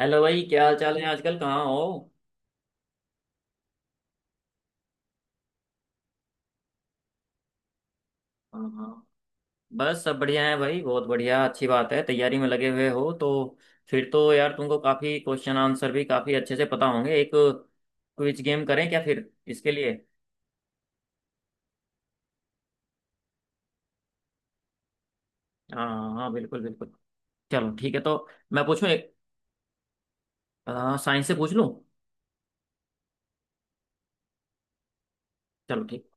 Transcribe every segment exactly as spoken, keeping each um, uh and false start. Hello भाई, क्या हाल चाल है? आजकल कहाँ हो? हाँ हाँ, बस सब बढ़िया है भाई। बहुत बढ़िया, अच्छी बात है, तैयारी में लगे हुए हो तो। फिर तो यार तुमको काफी क्वेश्चन आंसर भी काफी अच्छे से पता होंगे। एक क्विज गेम करें क्या फिर, इसके लिए? हाँ हाँ हाँ, बिल्कुल बिल्कुल। चलो ठीक है तो। मैं पूछूं एक साइंस से पूछ लूं। चलो ठीक।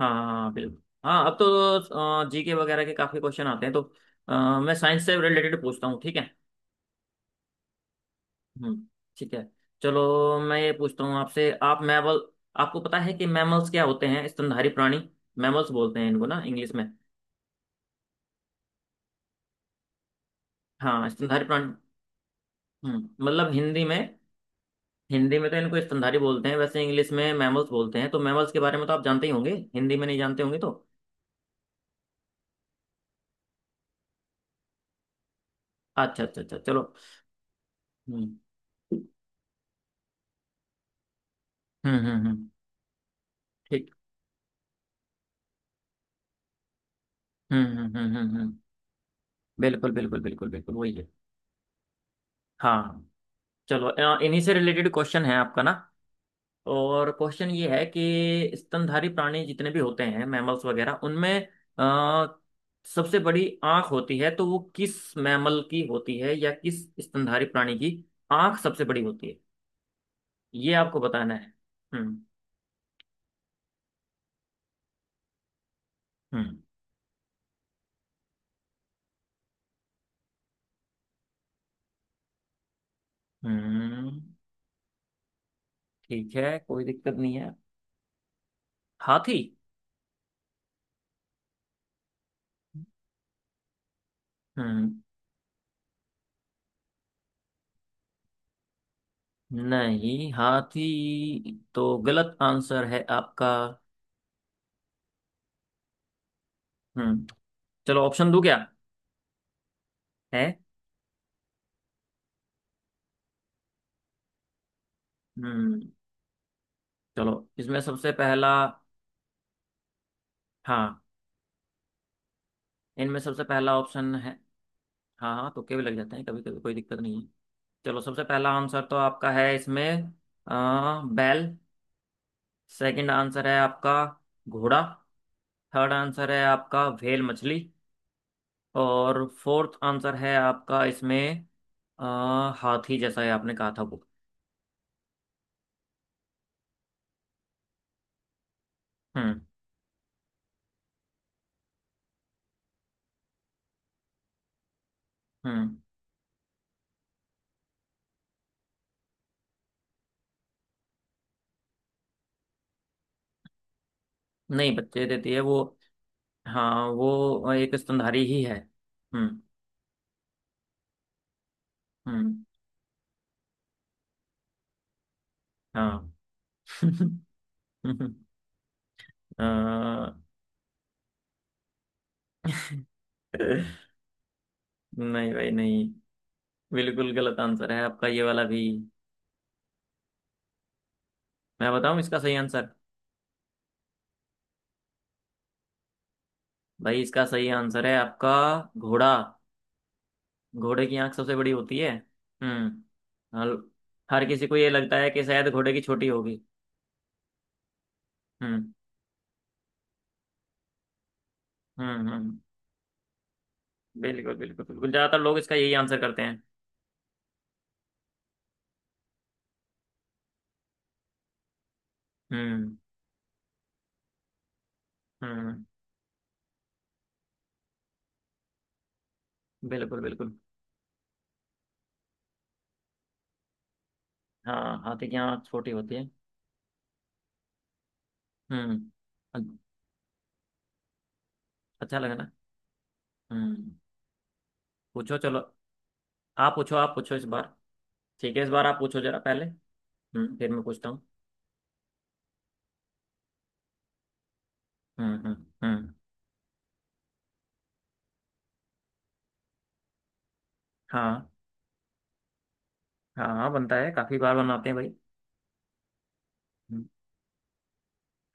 हाँ हाँ हाँ, बिल्कुल हाँ। अब तो जीके वगैरह के काफी क्वेश्चन आते हैं तो अ, मैं साइंस से रिलेटेड पूछता हूँ, ठीक है। हम्म, ठीक है। चलो, मैं ये पूछता हूँ आपसे। आप मैमल, आपको पता है कि मैमल्स क्या होते हैं? स्तनधारी प्राणी। मैमल्स बोलते हैं इनको ना इंग्लिश में। हाँ, स्तनधारी प्राणी। हम्म, मतलब हिंदी में। हिंदी में तो इनको स्तनधारी बोलते हैं, वैसे इंग्लिश में मैमल्स बोलते हैं। तो मैमल्स के बारे में तो आप जानते ही होंगे, हिंदी में नहीं जानते होंगे तो। अच्छा अच्छा अच्छा, चलो। हम्म हम्म हम्म हम्म, ठीक। हम्म हम्म हम्म हम्म हम्म, बिल्कुल बिल्कुल बिल्कुल बिल्कुल वही है। हाँ। चलो, अ, इन्हीं से रिलेटेड क्वेश्चन है आपका ना। और क्वेश्चन ये है कि स्तनधारी प्राणी जितने भी होते हैं, मैमल्स वगैरह, उनमें आ, सबसे बड़ी आंख होती है तो वो किस मैमल की होती है या किस स्तनधारी प्राणी की आंख सबसे बड़ी होती है, ये आपको बताना है। हम्म हम्म हम्म। ठीक है, कोई दिक्कत नहीं है। हाथी। हम्म। नहीं, हाथी तो गलत आंसर है आपका। हम्म। चलो, ऑप्शन दूं क्या? है। हम्म। चलो। इसमें सबसे पहला। हाँ, इनमें सबसे पहला ऑप्शन है। हाँ हाँ, तुक्के भी लग जाते हैं कभी कभी, कोई दिक्कत नहीं है। चलो, सबसे पहला आंसर तो आपका है इसमें आ, बैल। सेकंड आंसर है आपका घोड़ा। थर्ड आंसर है आपका व्हेल मछली। और फोर्थ आंसर है आपका इसमें अ, हाथी, जैसा है आपने कहा था वो। हम्म हम्म। नहीं, बच्चे देती है वो। हाँ, वो एक स्तनधारी ही है। हम्म हम्म। हाँ। अ, नहीं भाई नहीं, बिल्कुल गलत आंसर है आपका ये वाला भी। मैं बताऊं इसका सही आंसर? भाई, इसका सही आंसर है आपका घोड़ा। घोड़े की आंख सबसे बड़ी होती है। हम्म। हल- हर किसी को ये लगता है कि शायद घोड़े की छोटी होगी। हम्म हम्म हम्म। बिल्कुल बिल्कुल बिल्कुल, ज्यादातर लोग इसका यही आंसर करते हैं। हम्म हम्म। बिल्कुल बिल्कुल। हाँ, हाथी की आंख छोटी होती है। हम्म। अ- अच्छा लगा ना। हम्म। पूछो, चलो। आप पूछो, आप पूछो इस बार। ठीक है, इस बार आप पूछो जरा पहले। हम्म, फिर मैं पूछता हूँ। हम्म हम्म हम्म। हाँ। हाँ हाँ, बनता है, काफी बार बनाते हैं भाई। हम्म,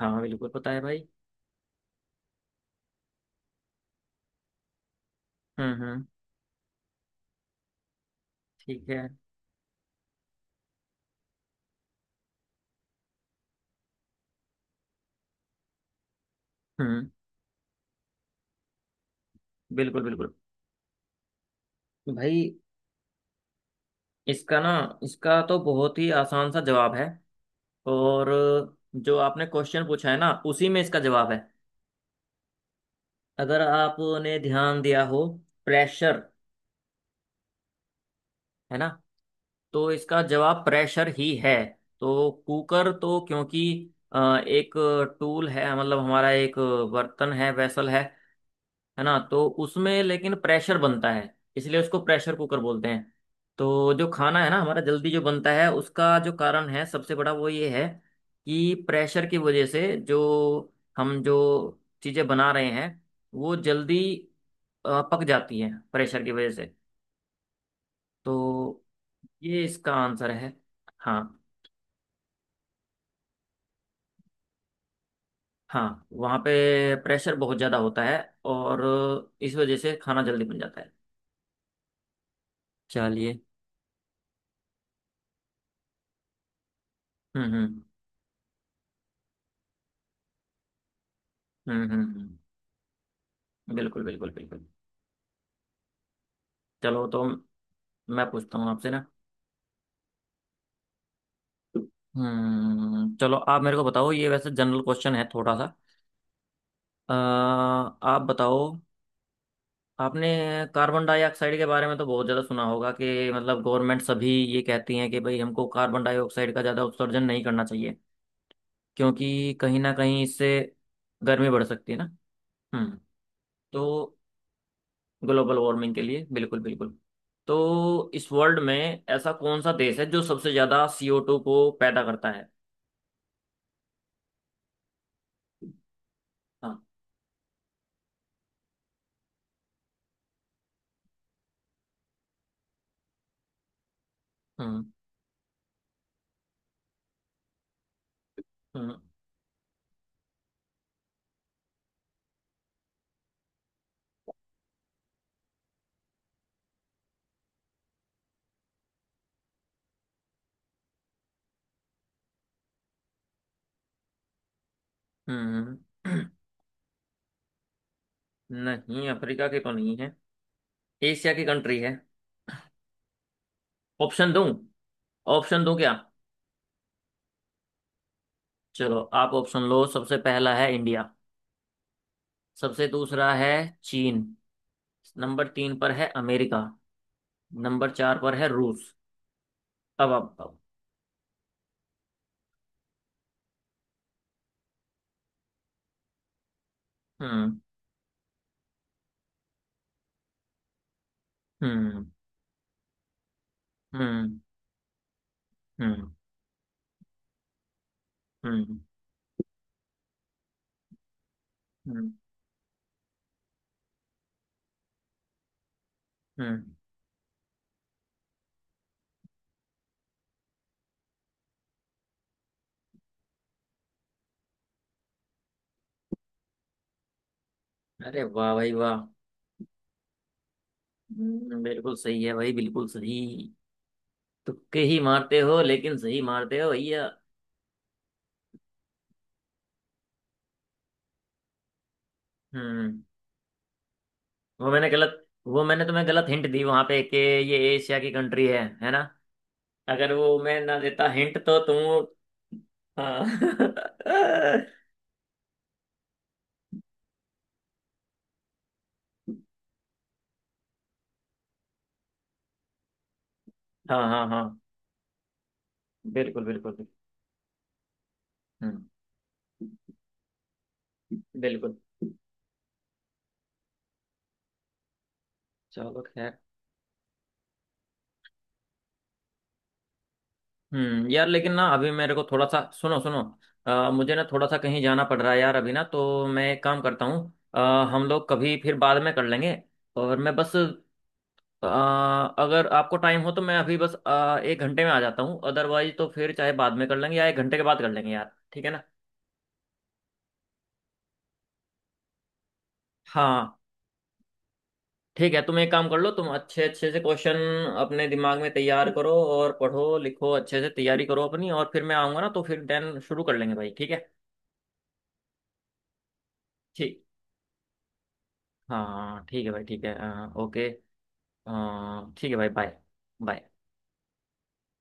हाँ बिल्कुल पता है भाई। हम्म हम्म। ठीक है। हम्म। बिल्कुल बिल्कुल। भाई, इसका ना, इसका तो बहुत ही आसान सा जवाब है। और जो आपने क्वेश्चन पूछा है ना, उसी में इसका जवाब है। अगर आपने ध्यान दिया हो, प्रेशर, है ना, तो इसका जवाब प्रेशर ही है। तो कुकर तो क्योंकि अ, एक टूल है, मतलब हमारा एक बर्तन है, वेसल है है ना, तो उसमें लेकिन प्रेशर बनता है, इसलिए उसको प्रेशर कुकर बोलते हैं। तो जो खाना है ना हमारा जल्दी जो बनता है, उसका जो कारण है सबसे बड़ा, वो ये है कि प्रेशर की वजह से जो हम जो चीज़ें बना रहे हैं, वो जल्दी अ, पक जाती हैं प्रेशर की वजह से। तो ये इसका आंसर है। हाँ, हाँ वहाँ पे प्रेशर बहुत ज़्यादा होता है और इस वजह से खाना जल्दी बन जाता है। चलिए। हम्म हम्म हम्म हम्म हम्म, बिल्कुल बिल्कुल बिल्कुल। चलो तो, मैं पूछता हूँ आपसे ना। हम्म, चलो आप मेरे को बताओ, ये वैसे जनरल क्वेश्चन है थोड़ा सा। अ, आप बताओ। आपने कार्बन डाइऑक्साइड के बारे में तो बहुत ज़्यादा सुना होगा कि मतलब गवर्नमेंट सभी ये कहती हैं कि भाई हमको कार्बन डाइऑक्साइड का ज़्यादा उत्सर्जन नहीं करना चाहिए, क्योंकि कहीं ना कहीं इससे गर्मी बढ़ सकती है ना। हम्म। तो ग्लोबल वार्मिंग के लिए, बिल्कुल बिल्कुल। तो इस वर्ल्ड में ऐसा कौन सा देश है जो सबसे ज्यादा सी ओ टू को पैदा करता है? हाँ। हम्म हम्म हम्म, नहीं, अफ्रीका की तो नहीं है। एशिया की कंट्री है। ऑप्शन दूं? ऑप्शन दूं क्या? चलो, आप ऑप्शन लो। सबसे पहला है इंडिया। सबसे दूसरा है चीन। नंबर तीन पर है अमेरिका। नंबर चार पर है रूस। अब आप। हम्म हम्म हम्म हम्म हम्म हम्म, हम्म। अरे वाह भाई वाह! हम्म, बिल्कुल सही है भाई, बिल्कुल सही। तुक्के ही मारते हो लेकिन सही मारते हो भैया। हम्म। वो मैंने गलत, वो मैंने तुम्हें गलत हिंट दी वहां पे कि ये एशिया की कंट्री है है ना। अगर वो मैं ना देता हिंट तो तुम। हाँ हाँ हाँ हाँ, बिल्कुल बिल्कुल बिल्कुल। हम्म, बिल्कुल। चलो खैर। हम्म, यार लेकिन ना अभी मेरे को थोड़ा सा सुनो सुनो अ, मुझे ना थोड़ा सा कहीं जाना पड़ रहा है यार अभी ना, तो मैं एक काम करता हूँ अ, हम लोग कभी फिर बाद में कर लेंगे। और मैं बस अ, अगर आपको टाइम हो तो मैं अभी बस अ, एक घंटे में आ जाता हूँ, अदरवाइज तो फिर चाहे बाद में कर लेंगे या एक घंटे के बाद कर लेंगे यार, ठीक है ना? हाँ ठीक है, तुम एक काम कर लो, तुम अच्छे अच्छे से क्वेश्चन अपने दिमाग में तैयार करो और पढ़ो लिखो अच्छे से, तैयारी करो अपनी, और फिर मैं आऊँगा ना तो फिर देन शुरू कर लेंगे भाई, ठीक है। ठीक। हाँ हाँ, ठीक है भाई, ठीक है। अ, ओके। अ, ठीक है भाई, बाय। बाय।